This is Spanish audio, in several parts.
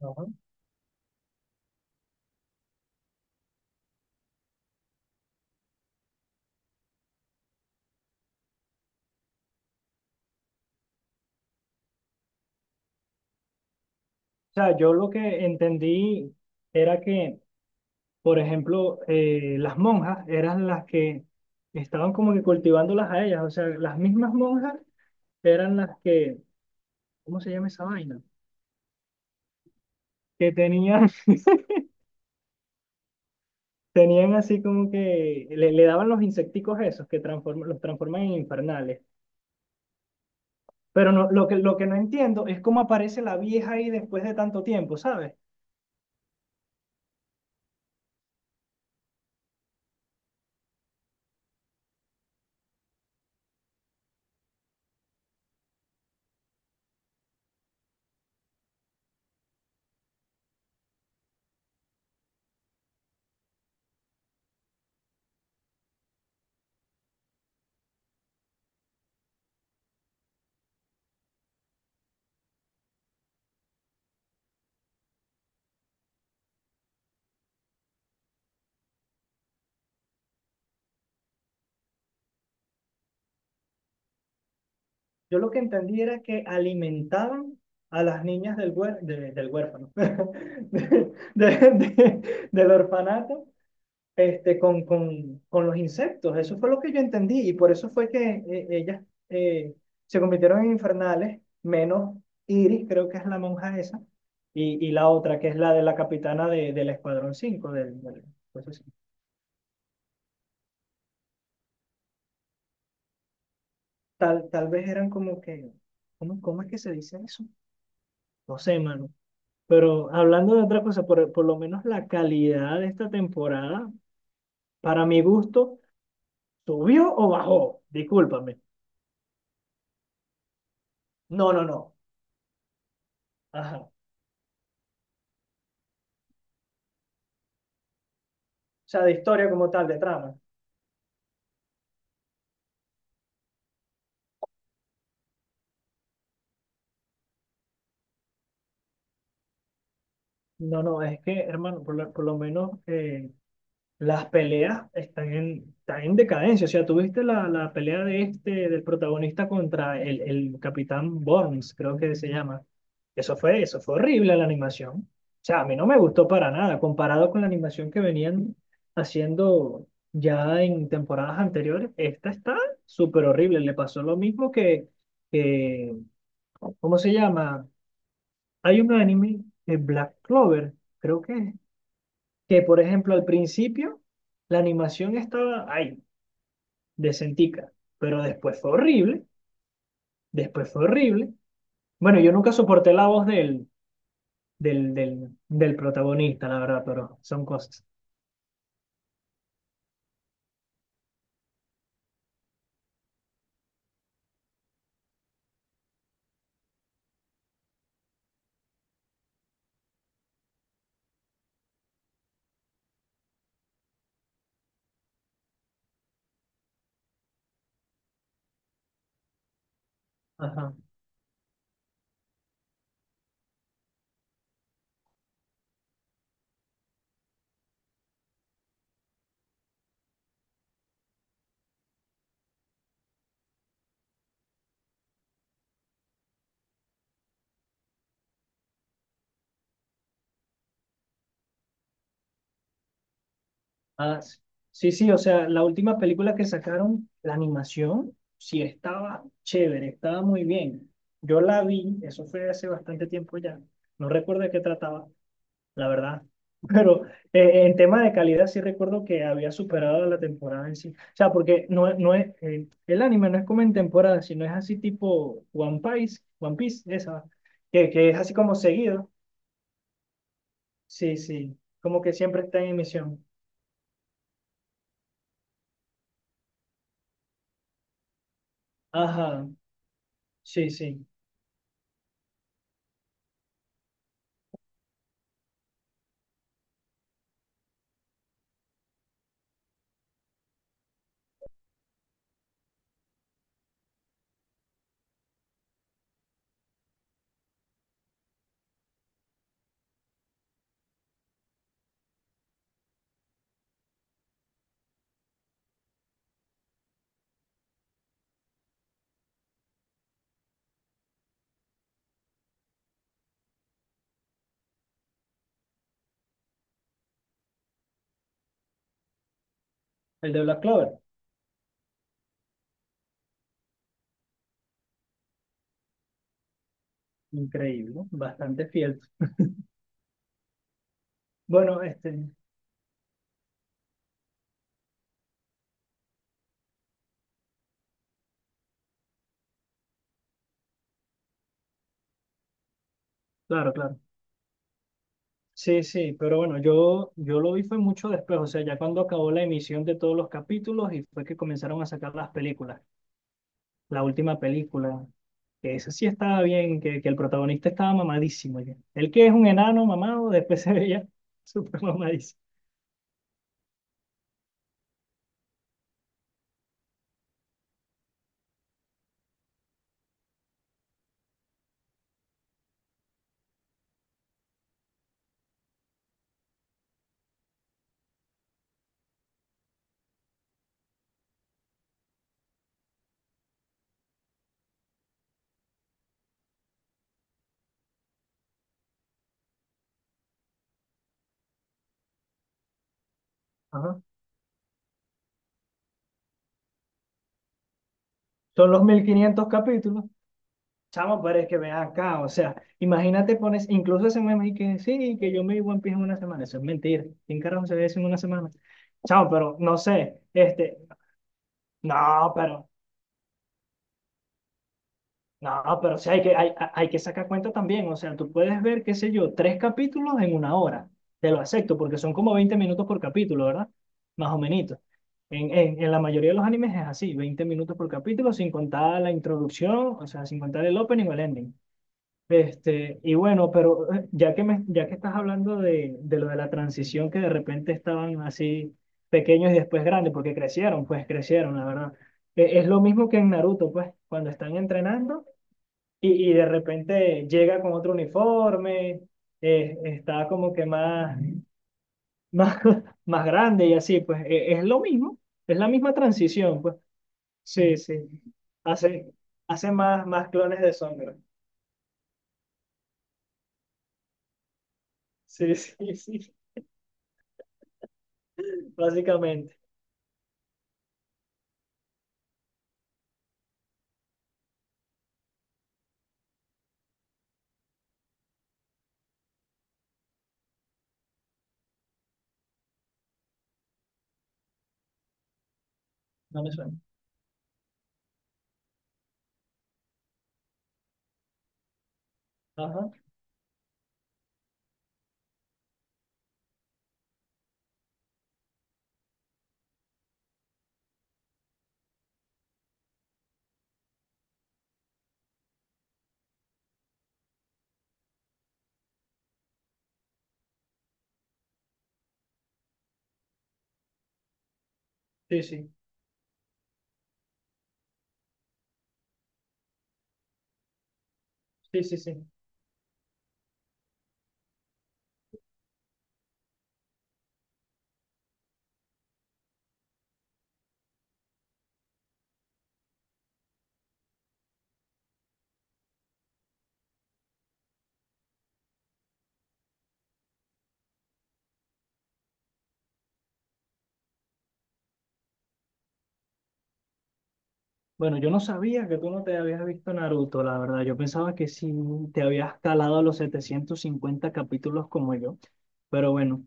Ajá. O sea, yo lo que entendí era que, por ejemplo, las monjas eran las que estaban como que cultivándolas a ellas. O sea, las mismas monjas eran las que, ¿cómo se llama esa vaina? Que tenían, tenían así como que le daban los insecticos esos que los transforman en infernales. Pero no, lo que no entiendo es cómo aparece la vieja ahí después de tanto tiempo, ¿sabes? Yo lo que entendí era que alimentaban a las niñas del huérfano, del orfanato, con los insectos. Eso fue lo que yo entendí y por eso fue que ellas eh, se convirtieron en infernales, menos Iris, creo que es la monja esa, y la otra, que es la de la capitana del Escuadrón 5 pues eso. Tal vez eran como que, ¿cómo es que se dice eso? No sé, mano. Pero hablando de otra cosa, por lo menos la calidad de esta temporada, para mi gusto, ¿subió o bajó? Discúlpame. No, no, no. Ajá. O sea, de historia como tal, de trama. No, no, es que, hermano, por lo menos las peleas están en decadencia. O sea, tuviste la pelea del protagonista contra el Capitán Burns, creo que se llama. Eso fue horrible la animación. O sea, a mí no me gustó para nada, comparado con la animación que venían haciendo ya en temporadas anteriores. Esta está súper horrible. Le pasó lo mismo que, ¿cómo se llama? Hay un anime de Black Clover, creo que es que, por ejemplo, al principio la animación estaba ahí, decentica, pero después fue horrible, después fue horrible. Bueno, yo nunca soporté la voz del protagonista, la verdad, pero son cosas. Ajá. Ah, sí, sí, sí, o sea, la última película que sacaron, la animación, sí estaba chévere, estaba muy bien. Yo la vi, eso fue hace bastante tiempo ya, no recuerdo de qué trataba, la verdad. Pero en tema de calidad sí recuerdo que había superado la temporada en sí. O sea, porque no, el anime no es como en temporada, sino es así tipo One Piece, esa, que es así como seguido. Sí, sí, como que siempre está en emisión. Ajá, sí, sí. El de Black Clover, increíble, ¿no? Bastante fiel. Bueno, claro, claro. Sí, sí, pero bueno, yo lo vi fue mucho después, o sea, ya cuando acabó la emisión de todos los capítulos y fue que comenzaron a sacar las películas, la última película, que esa sí estaba bien, que el protagonista estaba mamadísimo ya. El que es un enano mamado, después se veía súper mamadísimo. Ajá. Son los 1.500 capítulos, chamo, pero es que ven acá, o sea, imagínate pones, incluso ese meme y que sí, que yo me vi One Piece en una semana, eso es mentira, ¿quién carajo se ve eso en una semana? Chamo, pero no sé. No, pero No, pero sí hay que sacar cuenta también. O sea, tú puedes ver, qué sé yo, tres capítulos en una hora. Te lo acepto, porque son como 20 minutos por capítulo, ¿verdad? Más o menos. En la mayoría de los animes es así, 20 minutos por capítulo, sin contar la introducción, o sea, sin contar el opening o el ending. Y bueno, pero ya que estás hablando de, lo de la transición, que de repente estaban así pequeños y después grandes, porque crecieron, pues crecieron, la verdad. Es lo mismo que en Naruto, pues, cuando están entrenando y de repente llega con otro uniforme, está como que más, más grande y así, pues es lo mismo, es la misma transición, pues sí, sí, hace, hace más clones de sombra, sí, sí, sí, básicamente, no me suena, ajá, sí, sí, sí, sí, sí. Bueno, yo no sabía que tú no te habías visto Naruto, la verdad. Yo pensaba que sí te habías calado los 750 capítulos como yo. Pero bueno,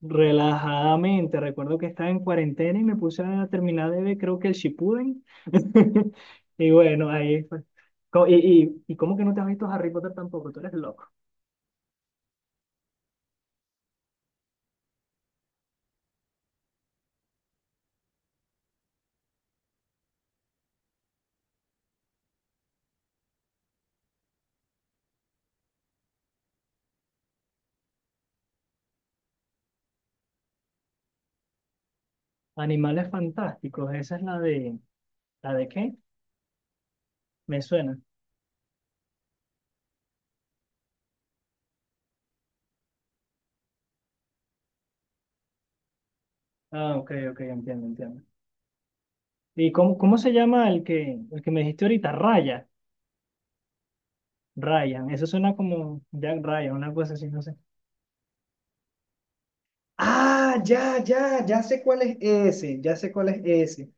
relajadamente. Recuerdo que estaba en cuarentena y me puse a terminar de ver, creo que el Shippuden. Y bueno, ahí fue. ¿Y cómo que no te has visto Harry Potter tampoco? Tú eres loco. Animales fantásticos, esa es la de... ¿La de qué? Me suena. Ah, ok, ok, entiendo, entiendo. ¿Y cómo se llama el que me dijiste ahorita? Raya. Ryan. Eso suena como Jack Ryan, una cosa así, no sé. Ah, ya, ya, ya sé cuál es ese, ya sé cuál es ese.